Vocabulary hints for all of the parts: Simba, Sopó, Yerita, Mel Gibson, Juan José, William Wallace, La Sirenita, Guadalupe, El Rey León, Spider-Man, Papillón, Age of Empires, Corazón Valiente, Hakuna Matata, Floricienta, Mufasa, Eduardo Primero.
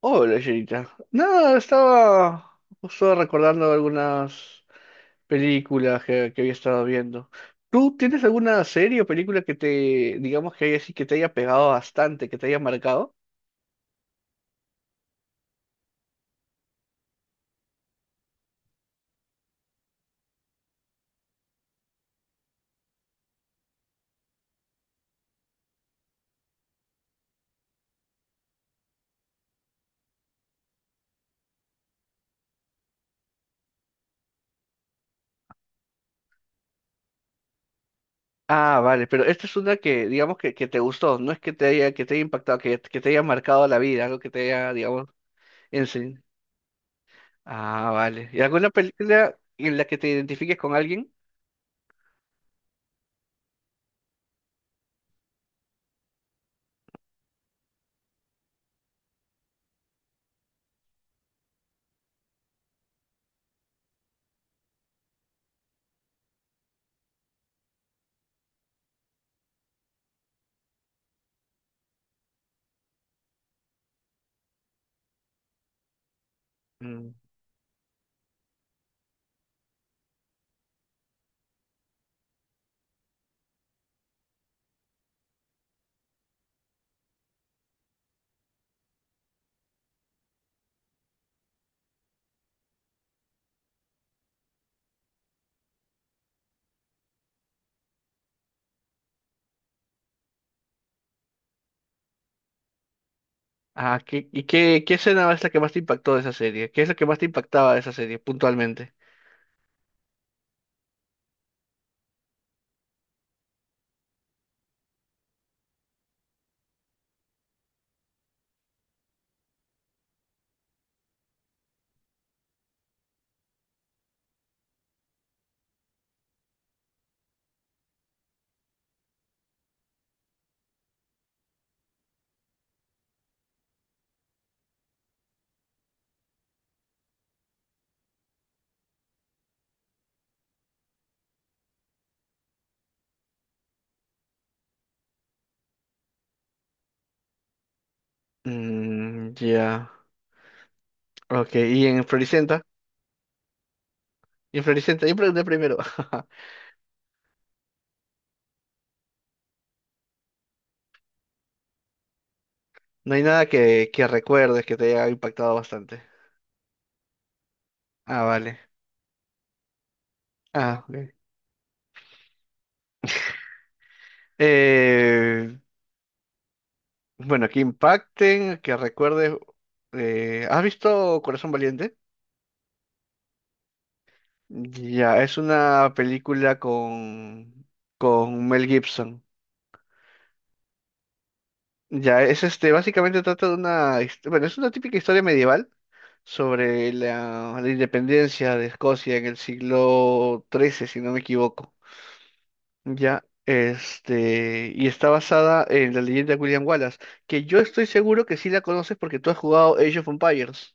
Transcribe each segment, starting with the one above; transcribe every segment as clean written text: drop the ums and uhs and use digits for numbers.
Hola, Yerita. Nada, estaba justo recordando algunas películas que había estado viendo. ¿Tú tienes alguna serie o película que te, digamos que haya, sí que te haya pegado bastante, que te haya marcado? Ah, vale, pero esta es una que, digamos que te gustó, no es que te haya impactado, que te haya marcado la vida, algo que te haya, digamos, enseñado. Ah, vale. ¿Y alguna película en la que te identifiques con alguien? Ah, ¿qué, y qué, qué escena es la que más te impactó de esa serie? ¿Qué es lo que más te impactaba de esa serie puntualmente? Mm, ya. Ok, y en Floricienta, yo pregunté primero. No hay nada que recuerdes que te haya impactado bastante. Ah, vale. Ah, ok. Eh, bueno, que impacten, que recuerdes. ¿Has visto Corazón Valiente? Ya, es una película con Mel Gibson. Ya, es este, básicamente trata de una, bueno, es una típica historia medieval sobre la, la independencia de Escocia en el siglo trece si no me equivoco. Ya, este, y está basada en la leyenda de William Wallace, que yo estoy seguro que sí la conoces porque tú has jugado Age of Empires.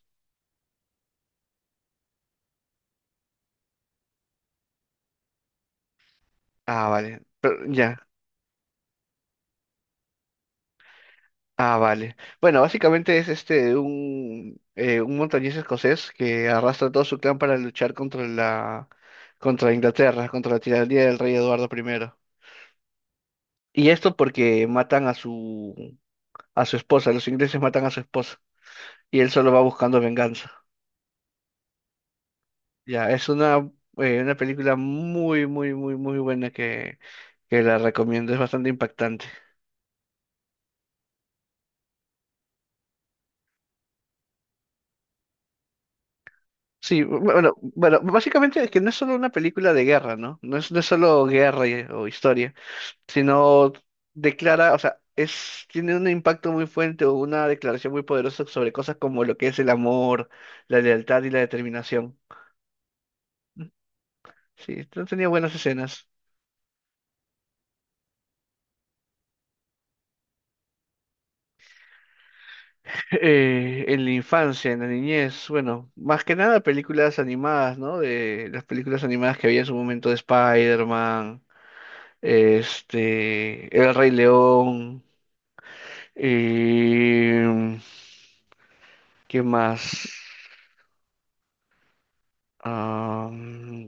Ah, vale, pero- ya, ah, vale. Bueno, básicamente es este un montañés escocés que arrastra todo su clan para luchar contra la contra Inglaterra, contra la tiranía del rey Eduardo primero. Y esto porque matan a su esposa, los ingleses matan a su esposa y él solo va buscando venganza. Ya, es una película muy muy muy muy buena que la recomiendo, es bastante impactante. Sí, bueno, bueno, básicamente es que no es solo una película de guerra, ¿no? No es, no es solo guerra y- o historia, sino declara, o sea, es, tiene un impacto muy fuerte o una declaración muy poderosa sobre cosas como lo que es el amor, la lealtad y la determinación. Mm, sí, esto tenía buenas escenas. En la infancia, en la niñez, bueno, más que nada películas animadas, ¿no? De las películas animadas que había en su momento de Spider-Man, este, El Rey León, eh, ¿qué más? Ah,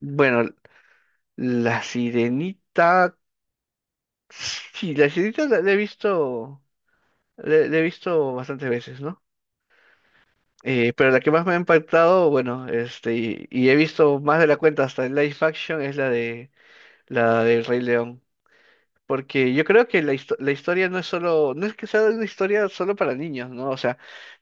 bueno, La sirenita. Sí, la sirenita la he visto. La he visto bastantes veces, ¿no? Pero la que más me ha impactado, bueno, este, y he visto más de la cuenta hasta el live action, es la de la del Rey León. Porque yo creo que la, la historia no es solo, no es que sea una historia solo para niños, ¿no? O sea,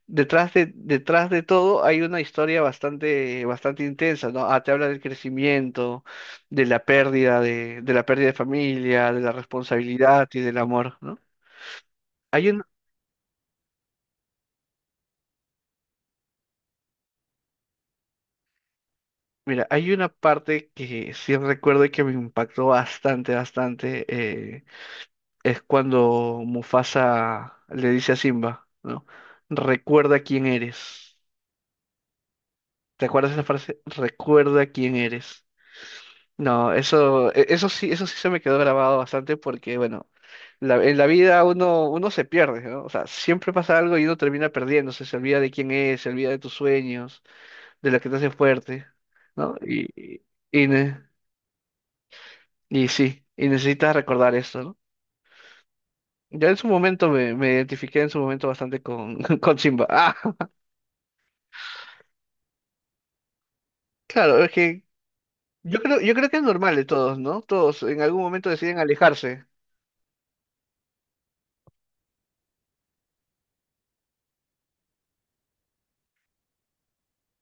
detrás de todo hay una historia bastante, bastante intensa, ¿no? Ah, te habla del crecimiento, de la de la pérdida de familia, de la responsabilidad y del amor, ¿no? Hay un, mira, hay una parte que sí recuerdo y que me impactó bastante, bastante, eh, es cuando Mufasa le dice a Simba, ¿no? Recuerda quién eres. ¿Te acuerdas esa frase? Recuerda quién eres. No, eso, eso sí se me quedó grabado bastante porque, bueno, en la vida uno se pierde, ¿no? O sea, siempre pasa algo y uno termina perdiéndose, se olvida de quién es, se olvida de tus sueños, de lo que te hace fuerte, ¿no? Y, y ne- y sí, y necesitas recordar eso, ¿no? Yo en su momento me identifiqué en su momento bastante con, con Simba. Ah, claro, es que yo creo que es normal de todos, ¿no? Todos en algún momento deciden alejarse.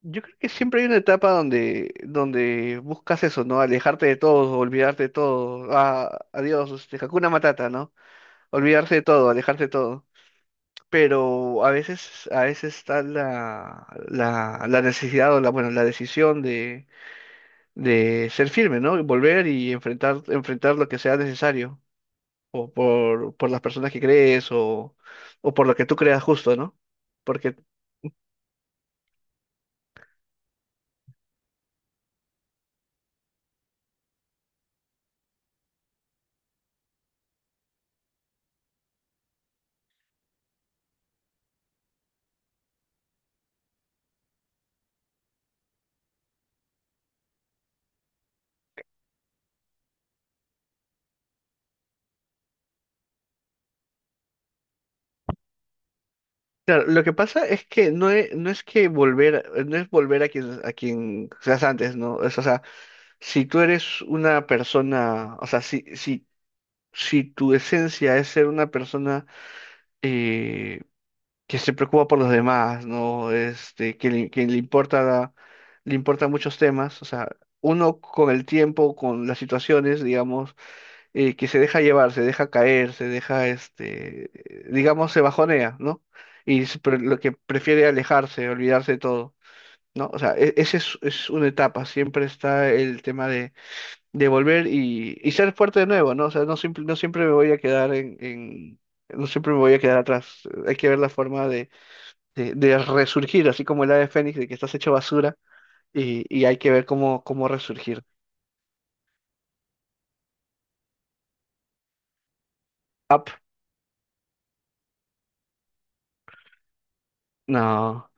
Yo creo que siempre hay una etapa donde buscas eso, ¿no? Alejarte de todo, olvidarte de todo. Ah, adiós, este, Hakuna Matata, ¿no? Olvidarse de todo, alejarte de todo. Pero a veces está la, la necesidad o la, bueno, la decisión de ser firme, ¿no? Y volver y enfrentar lo que sea necesario. O por las personas que crees o por lo que tú creas justo, ¿no? Porque claro, lo que pasa es que no es, no es que volver, no es volver a a quien seas antes, ¿no? Es, o sea, si tú eres una persona, o sea, si tu esencia es ser una persona eh, que se preocupa por los demás, ¿no? Este, que le importa, le importan muchos temas, o sea, uno con el tiempo, con las situaciones, digamos, que se deja llevar, se deja caer, se deja, este, digamos, se bajonea, ¿no? Y lo que prefiere alejarse, olvidarse de todo, ¿no? O sea, esa es una etapa, siempre está el tema de volver y ser fuerte de nuevo, ¿no? O sea, no, no siempre me voy a quedar no siempre me voy a quedar atrás, hay que ver la forma de resurgir, así como el ave fénix, de que estás hecho basura y hay que ver cómo, cómo resurgir. Up, no,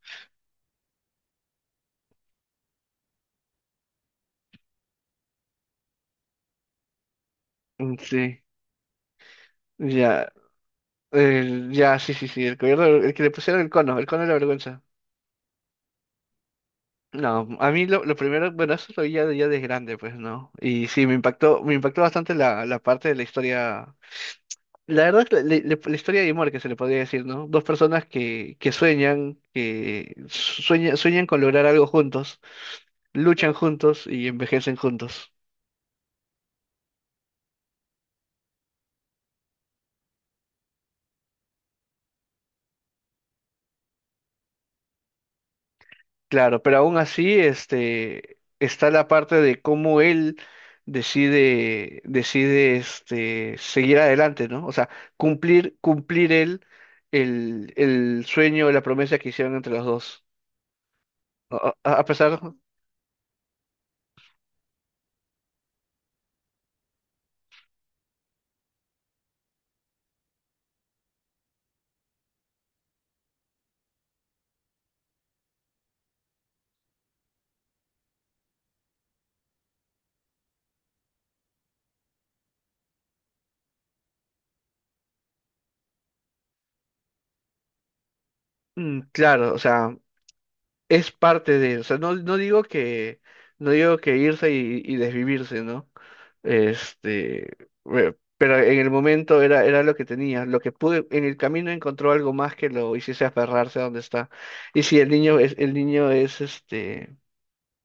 mm, sí. Ya, ya, sí, sí, sí, el gobierno, el que le pusieron el cono de la vergüenza. No, a mí lo primero, bueno, eso lo vi ya, ya de grande, pues, ¿no? Y sí, me impactó bastante la, la parte de la historia, la verdad, es la, la historia de amor que se le podría decir, ¿no? Dos personas que sueñan, sueñan con lograr algo juntos, luchan juntos y envejecen juntos. Claro, pero aún así, este, está la parte de cómo él decide, este, seguir adelante, ¿no? O sea, cumplir él el sueño, la promesa que hicieron entre los dos. A pesar, mm, claro, o sea, es parte de, o sea, no, no digo que irse y desvivirse, ¿no? Este, bueno, pero en el momento era lo que tenía. Lo que pude, en el camino encontró algo más que lo hiciese aferrarse a donde está. Y si el niño es, el niño es este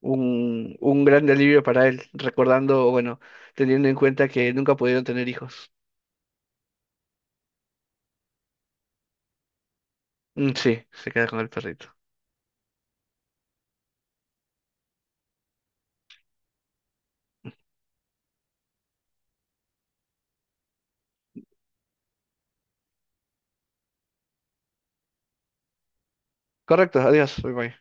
un gran alivio para él, recordando, bueno, teniendo en cuenta que nunca pudieron tener hijos. Mm, sí, se queda con el perrito. Correcto, adiós, bye bye.